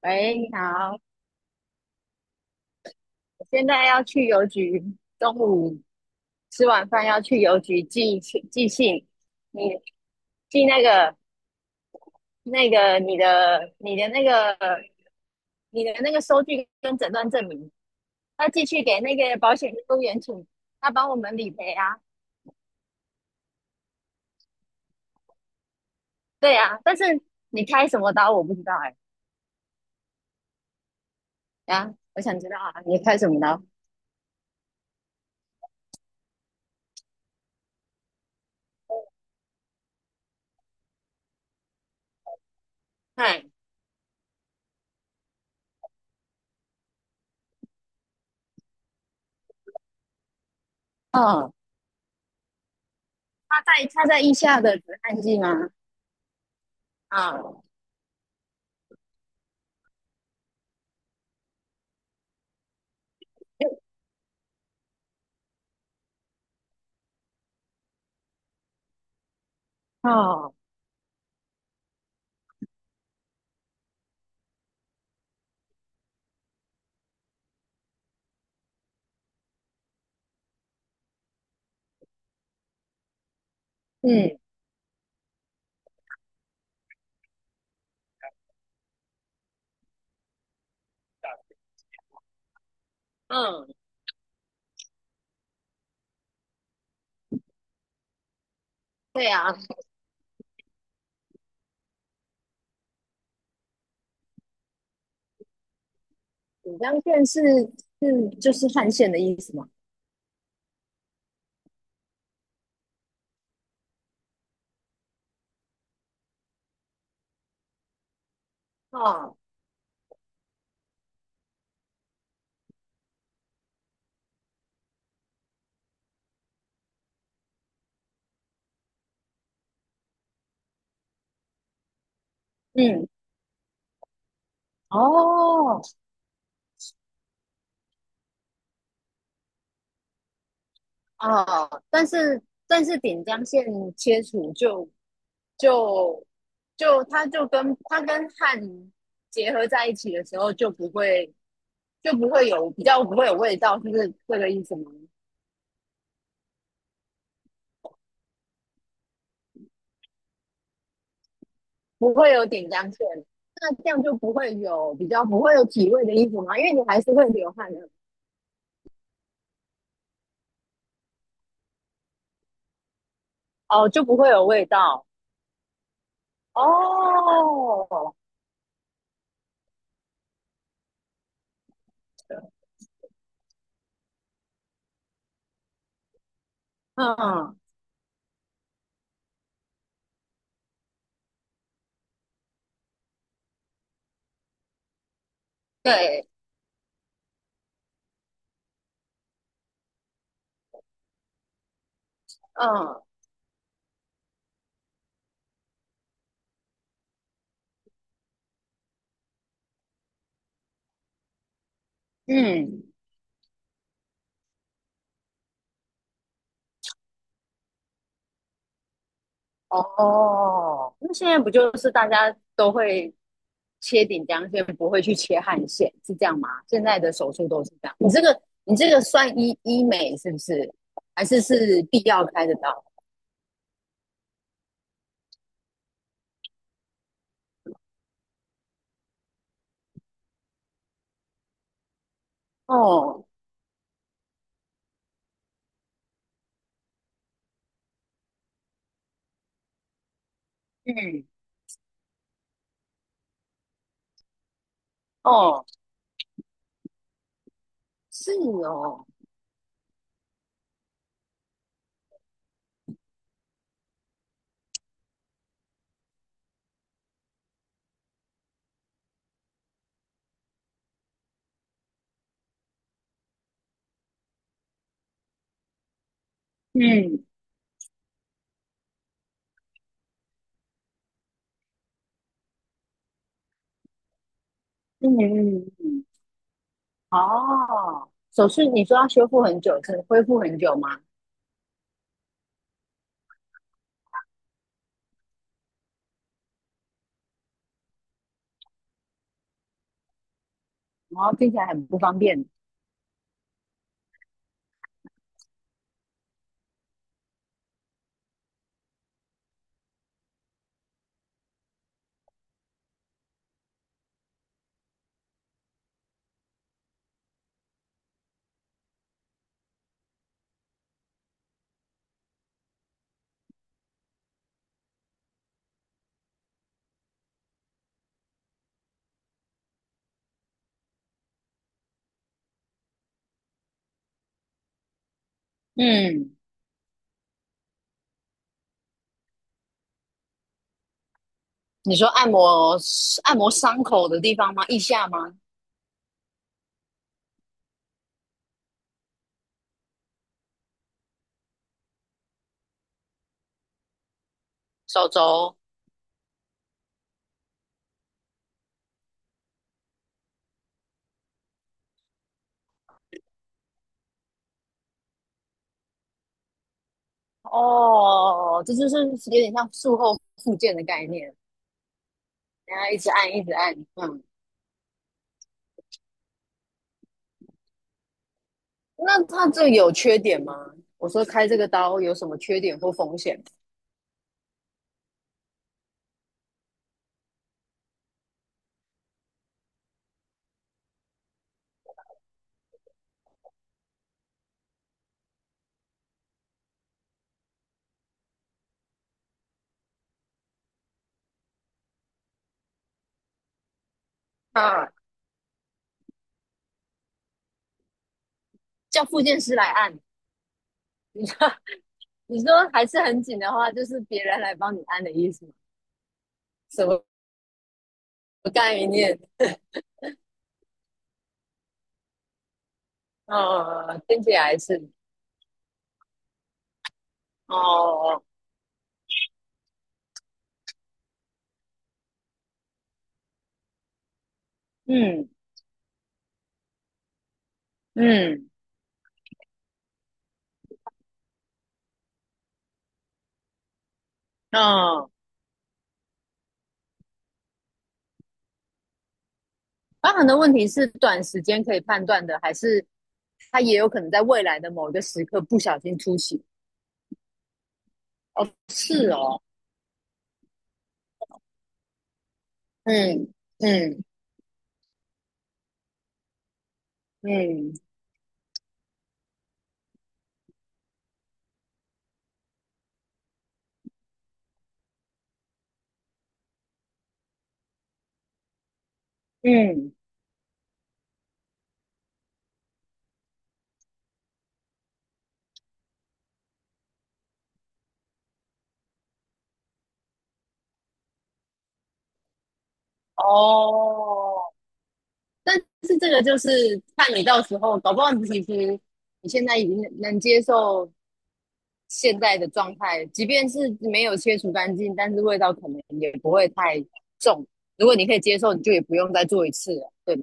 喂，你好，我现在要去邮局，中午吃完饭要去邮局寄信，你寄那个那个你的你的那个你的那个收据跟诊断证明，要寄去给那个保险业务员请他帮我们理赔啊。对啊，但是你开什么刀我不知道哎、啊，我想知道啊，你开什么刀？哎，哦，他在腋下的止汗剂吗？啊，哦，嗯嗯，对啊，锦江县是是就是汗县的意思吗？哦，嗯，哦，哦，但是锦江线切除就就它就跟它跟汗结合在一起的时候，就不会有不会有味道，是不是这个意思吗？不会有点浆线，那这样就不会有不会有体味的衣服吗？因为你还是会流汗的。哦，就不会有味道。哦，嗯，对，嗯嗯，哦，那现在不就是大家都会切顶梁线，不会去切汗腺，是这样吗？现在的手术都是这样。你这个算医美是不是？还是是必要开的刀？哦，嗯，哦，是哦，嗯嗯嗯嗯，哦，手术你说要修复很久，可能恢复很久吗？然后听起来很不方便。嗯，你说按摩按摩伤口的地方吗？腋下吗？手肘？哦，这就是有点像术后复健的概念，然后一直按，一直按。嗯，那它这有缺点吗？我说开这个刀有什么缺点或风险？啊，叫复健师来按，你说你说还是很紧的话，就是别人来帮你按的意思吗？什么概念？呃，听起来是哦，嗯嗯嗯，哦，包很多问题是短时间可以判断的，还是它也有可能在未来的某一个时刻不小心突袭？哦，是哦，嗯嗯嗯嗯，哦，但是这个就是看你到时候，搞不好你其实你现在已经能接受现在的状态，即便是没有切除干净，但是味道可能也不会太重。如果你可以接受，你就也不用再做一次了。对，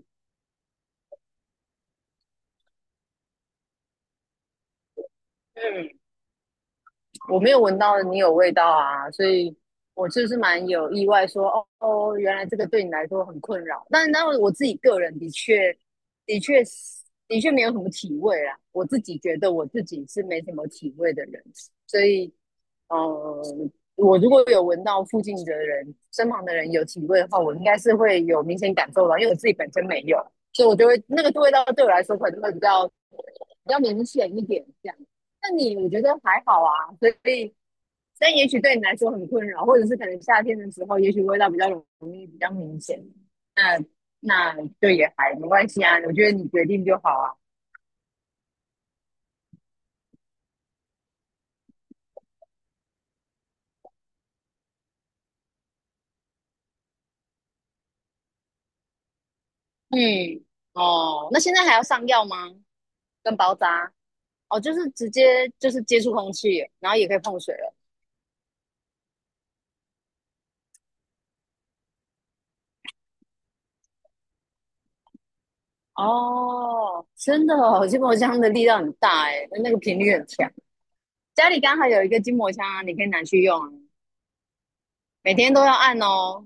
我没有闻到你有味道啊，所以我就是蛮有意外说，哦，哦，原来这个对你来说很困扰。但我自己个人的确，的确的确没有什么体味啦。我自己觉得我自己是没什么体味的人，所以呃，我如果有闻到附近的人、身旁的人有体味的话，我应该是会有明显感受到，因为我自己本身没有，所以我就会那个味道对我来说可能会比较明显一点这样。那你我觉得还好啊，所以但也许对你来说很困扰，或者是可能夏天的时候，也许味道比较容易比较明显。那那就也还没关系啊，我觉得你决定就好啊。嗯，哦，那现在还要上药吗？跟包扎？哦，就是直接就是接触空气，然后也可以碰水了。哦，真的哦，筋膜枪的力量很大哎，那个频率很强。家里刚好有一个筋膜枪啊，你可以拿去用啊，每天都要按哦。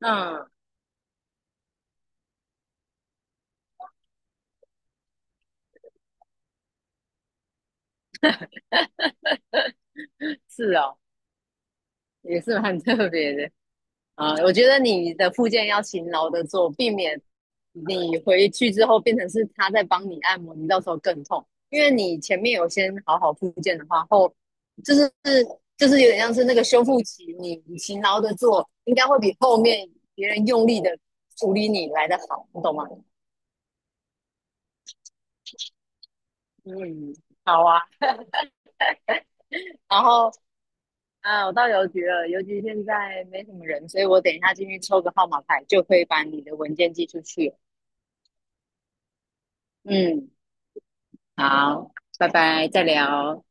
嗯，是哦，也是蛮特别的。啊、我觉得你的复健要勤劳的做，避免你回去之后变成是他在帮你按摩，你到时候更痛。因为你前面有先好好复健的话，后就是就是有点像是那个修复期，你勤劳的做，应该会比后面别人用力的处理你来的好，你懂吗？嗯，好啊。然后啊，我到邮局了，邮局现在没什么人，所以我等一下进去抽个号码牌，就可以把你的文件寄出去。嗯。好，拜拜，再聊。